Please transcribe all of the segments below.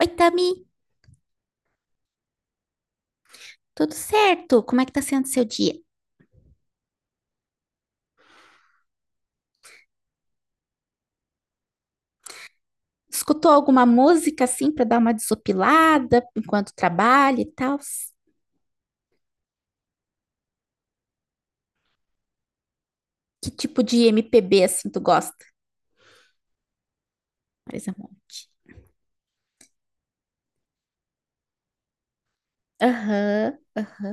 Oi, Tami, tudo certo? Como é que tá sendo seu dia? Escutou alguma música assim para dar uma desopilada enquanto trabalha e tal? Que tipo de MPB assim tu gosta? Marisa Monte. Aham, aham.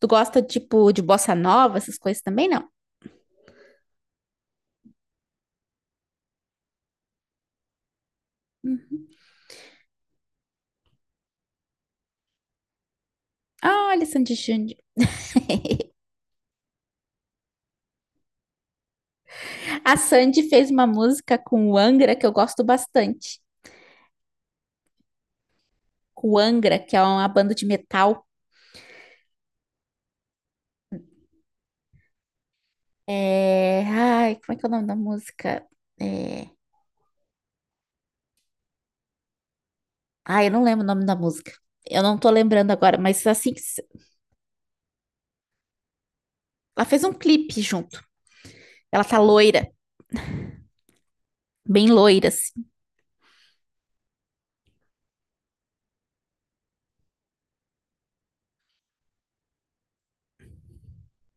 Tu gosta tipo de bossa nova, essas coisas também não? Hum. Ah, olha, Sandy Júnior. A Sandy fez uma música com o Angra que eu gosto bastante. Com o Angra, que é uma banda de metal. Ai, como é que é o nome da música? É, Ah, eu não lembro o nome da música. Eu não tô lembrando agora, mas assim, que se- ela fez um clipe junto. Ela tá loira, bem loira, assim.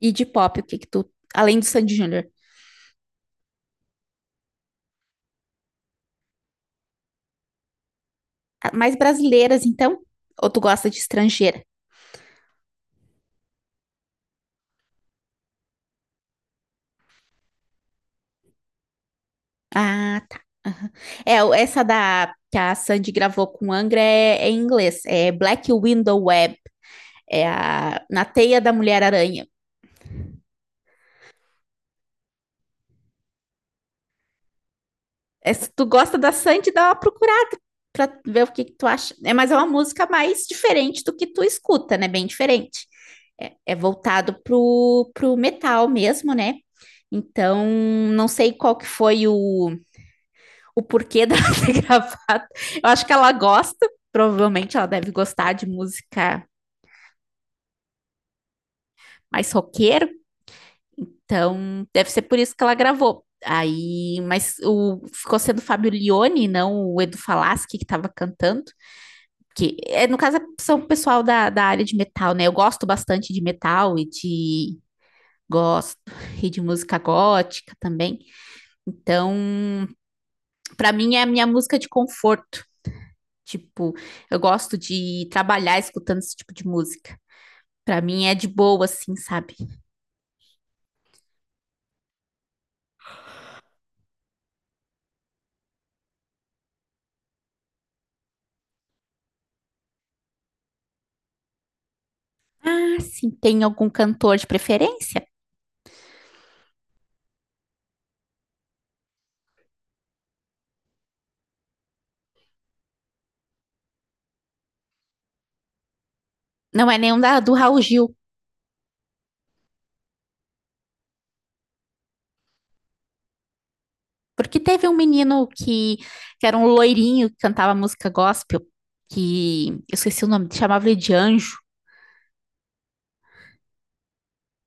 E de pop, o que que tu. Além do Sandy Júnior. Ah, mais brasileiras, então? Ou tu gosta de estrangeira? Ah, tá. É, essa da que a Sandy gravou com Angra é em inglês. É Black Window Web. É a Na Teia da Mulher-Aranha. Essa- tu gosta da Sandy, dá uma procurada para ver que tu acha. É, mas é uma música mais diferente do que tu escuta, né? Bem diferente. É, é voltado pro metal mesmo, né? Então, não sei qual que foi o porquê dela ter gravado. Eu acho que ela gosta, provavelmente ela deve gostar de música mais roqueiro, então deve ser por isso que ela gravou. Aí, mas o ficou sendo o Fábio Lione, não o Edu Falaschi que estava cantando. Que é, no caso são o pessoal da área de metal, né? Eu gosto bastante de metal e de gosto e de música gótica também. Então, para mim é a minha música de conforto. Tipo, eu gosto de trabalhar escutando esse tipo de música. Para mim é de boa, assim, sabe? Ah, sim, tem algum cantor de preferência? Não é nenhum do Raul Gil, porque teve um menino que era um loirinho que cantava música gospel, que eu esqueci o nome, chamava ele de Anjo.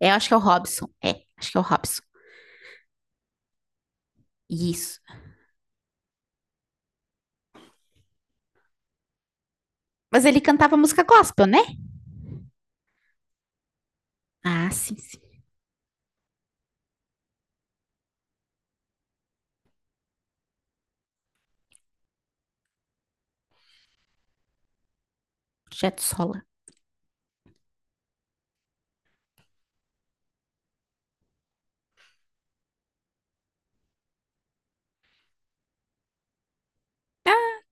É, eu acho que é o Robson. É, acho que é o Robson. Isso. Mas ele cantava música gospel, né? Ah, sim, sim. Projeto Sola.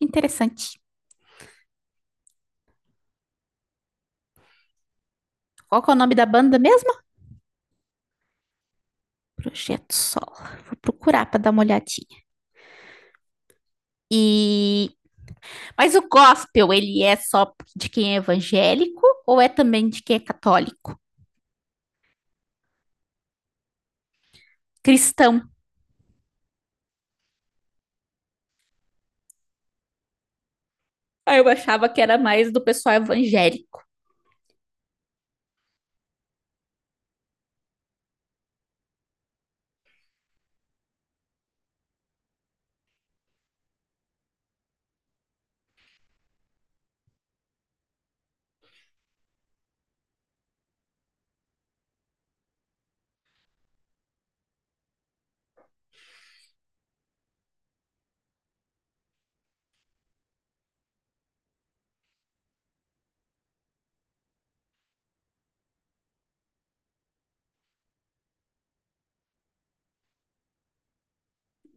Interessante. Qual que é o nome da banda mesmo? Projeto Sola. Vou procurar para dar uma olhadinha. E mas o gospel, ele é só de quem é evangélico ou é também de quem é católico? Cristão. Aí eu achava que era mais do pessoal evangélico.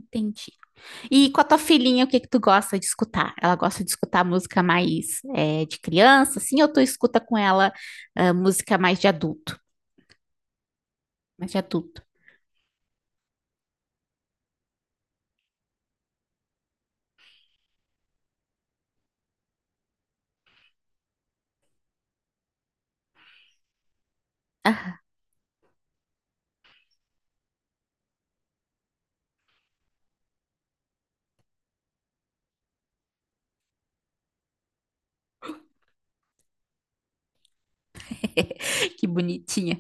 Entendi. E com a tua filhinha, o que que tu gosta de escutar? Ela gosta de escutar música mais é, de criança, assim, ou tu escuta com ela ah, música mais de adulto? Mais de adulto. Que bonitinha.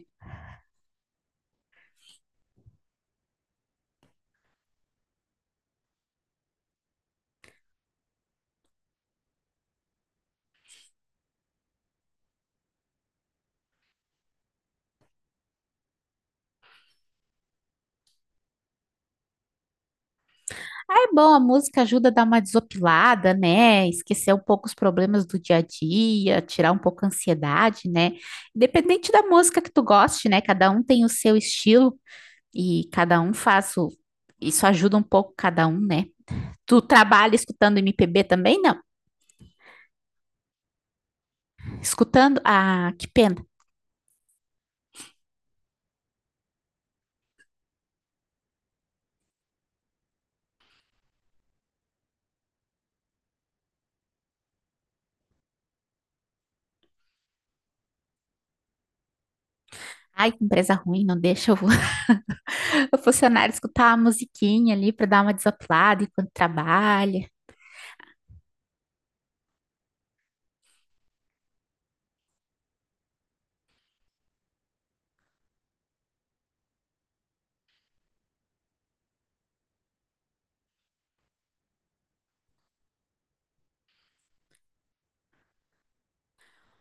Ah, é bom, a música ajuda a dar uma desopilada, né? Esquecer um pouco os problemas do dia a dia, tirar um pouco a ansiedade, né? Independente da música que tu goste, né? Cada um tem o seu estilo e cada um faz o... Isso ajuda um pouco cada um, né? Tu trabalha escutando MPB também? Não. Escutando... Ah, que pena. Ai, que empresa ruim, não deixa o funcionário escutar a musiquinha ali para dar uma desaplada enquanto trabalha.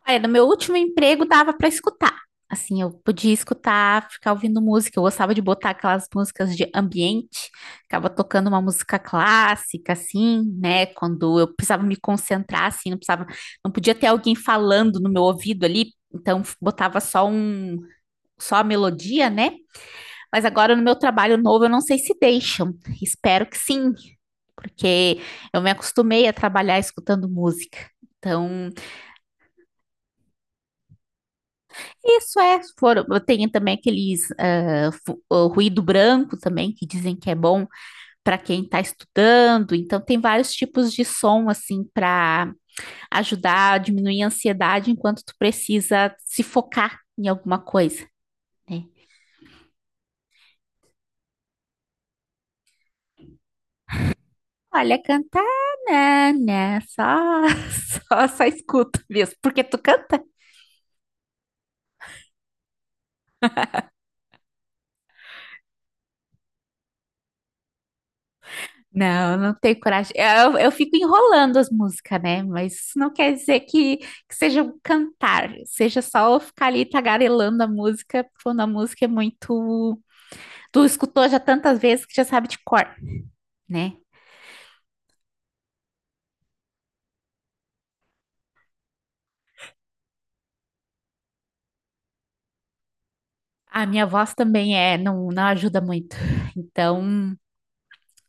Olha, no meu último emprego dava para escutar. Assim, eu podia escutar, ficar ouvindo música. Eu gostava de botar aquelas músicas de ambiente, ficava tocando uma música clássica, assim, né? Quando eu precisava me concentrar, assim, não podia ter alguém falando no meu ouvido ali, então botava só um, só a melodia, né? Mas agora no meu trabalho novo, eu não sei se deixam. Espero que sim, porque eu me acostumei a trabalhar escutando música. Então, tem também aqueles o ruído branco também, que dizem que é bom para quem está estudando. Então, tem vários tipos de som, assim, para ajudar a diminuir a ansiedade enquanto tu precisa se focar em alguma coisa. Né? Olha, cantar, né, né, só, só escuto mesmo, porque tu canta? Não, não tenho coragem, eu fico enrolando as músicas, né, mas isso não quer dizer que seja um cantar, seja só eu ficar ali tagarelando a música, quando a música é muito, tu escutou já tantas vezes que já sabe de cor, né? A minha voz também é, não, não ajuda muito, então,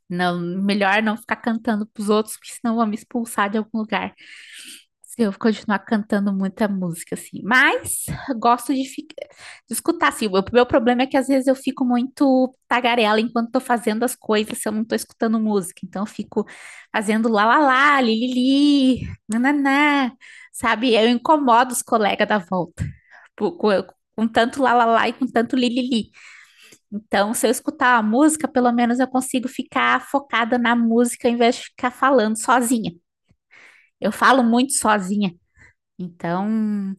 não, melhor não ficar cantando pros outros, porque senão vão me expulsar de algum lugar. Se eu continuar cantando muita música, assim. Mas gosto de escutar, assim. O meu problema é que às vezes eu fico muito tagarela enquanto tô fazendo as coisas, se eu não tô escutando música. Então eu fico fazendo lá, lá, lá, li, li, li, nananá, sabe? Eu incomodo os colegas da volta por- com, com tanto lá, lá, lá e com tanto li, li, li. Então, se eu escutar a música, pelo menos eu consigo ficar focada na música ao invés de ficar falando sozinha. Eu falo muito sozinha. Então,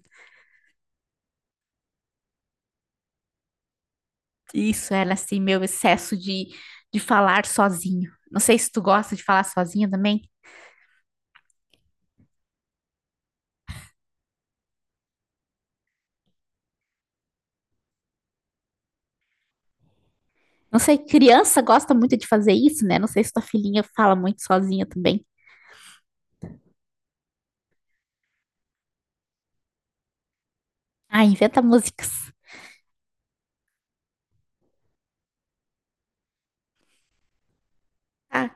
isso era assim, meu excesso de falar sozinho. Não sei se tu gosta de falar sozinha também. Não sei, criança gosta muito de fazer isso, né? Não sei se tua filhinha fala muito sozinha também. Ah, inventa músicas. Ah,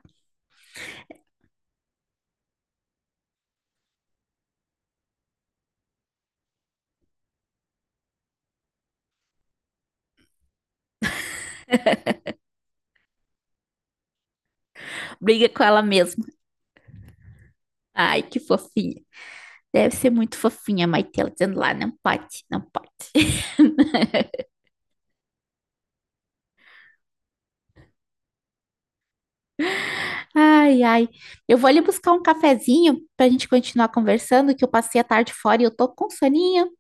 briga com ela mesma. Ai, que fofinha. Deve ser muito fofinha, a Maitela, dizendo lá, não pode, não pode. Ai, ai. Eu vou ali buscar um cafezinho pra gente continuar conversando, que eu passei a tarde fora e eu tô com soninho.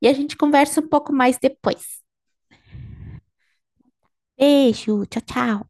E a gente conversa um pouco mais depois. Beijo, tchau, tchau.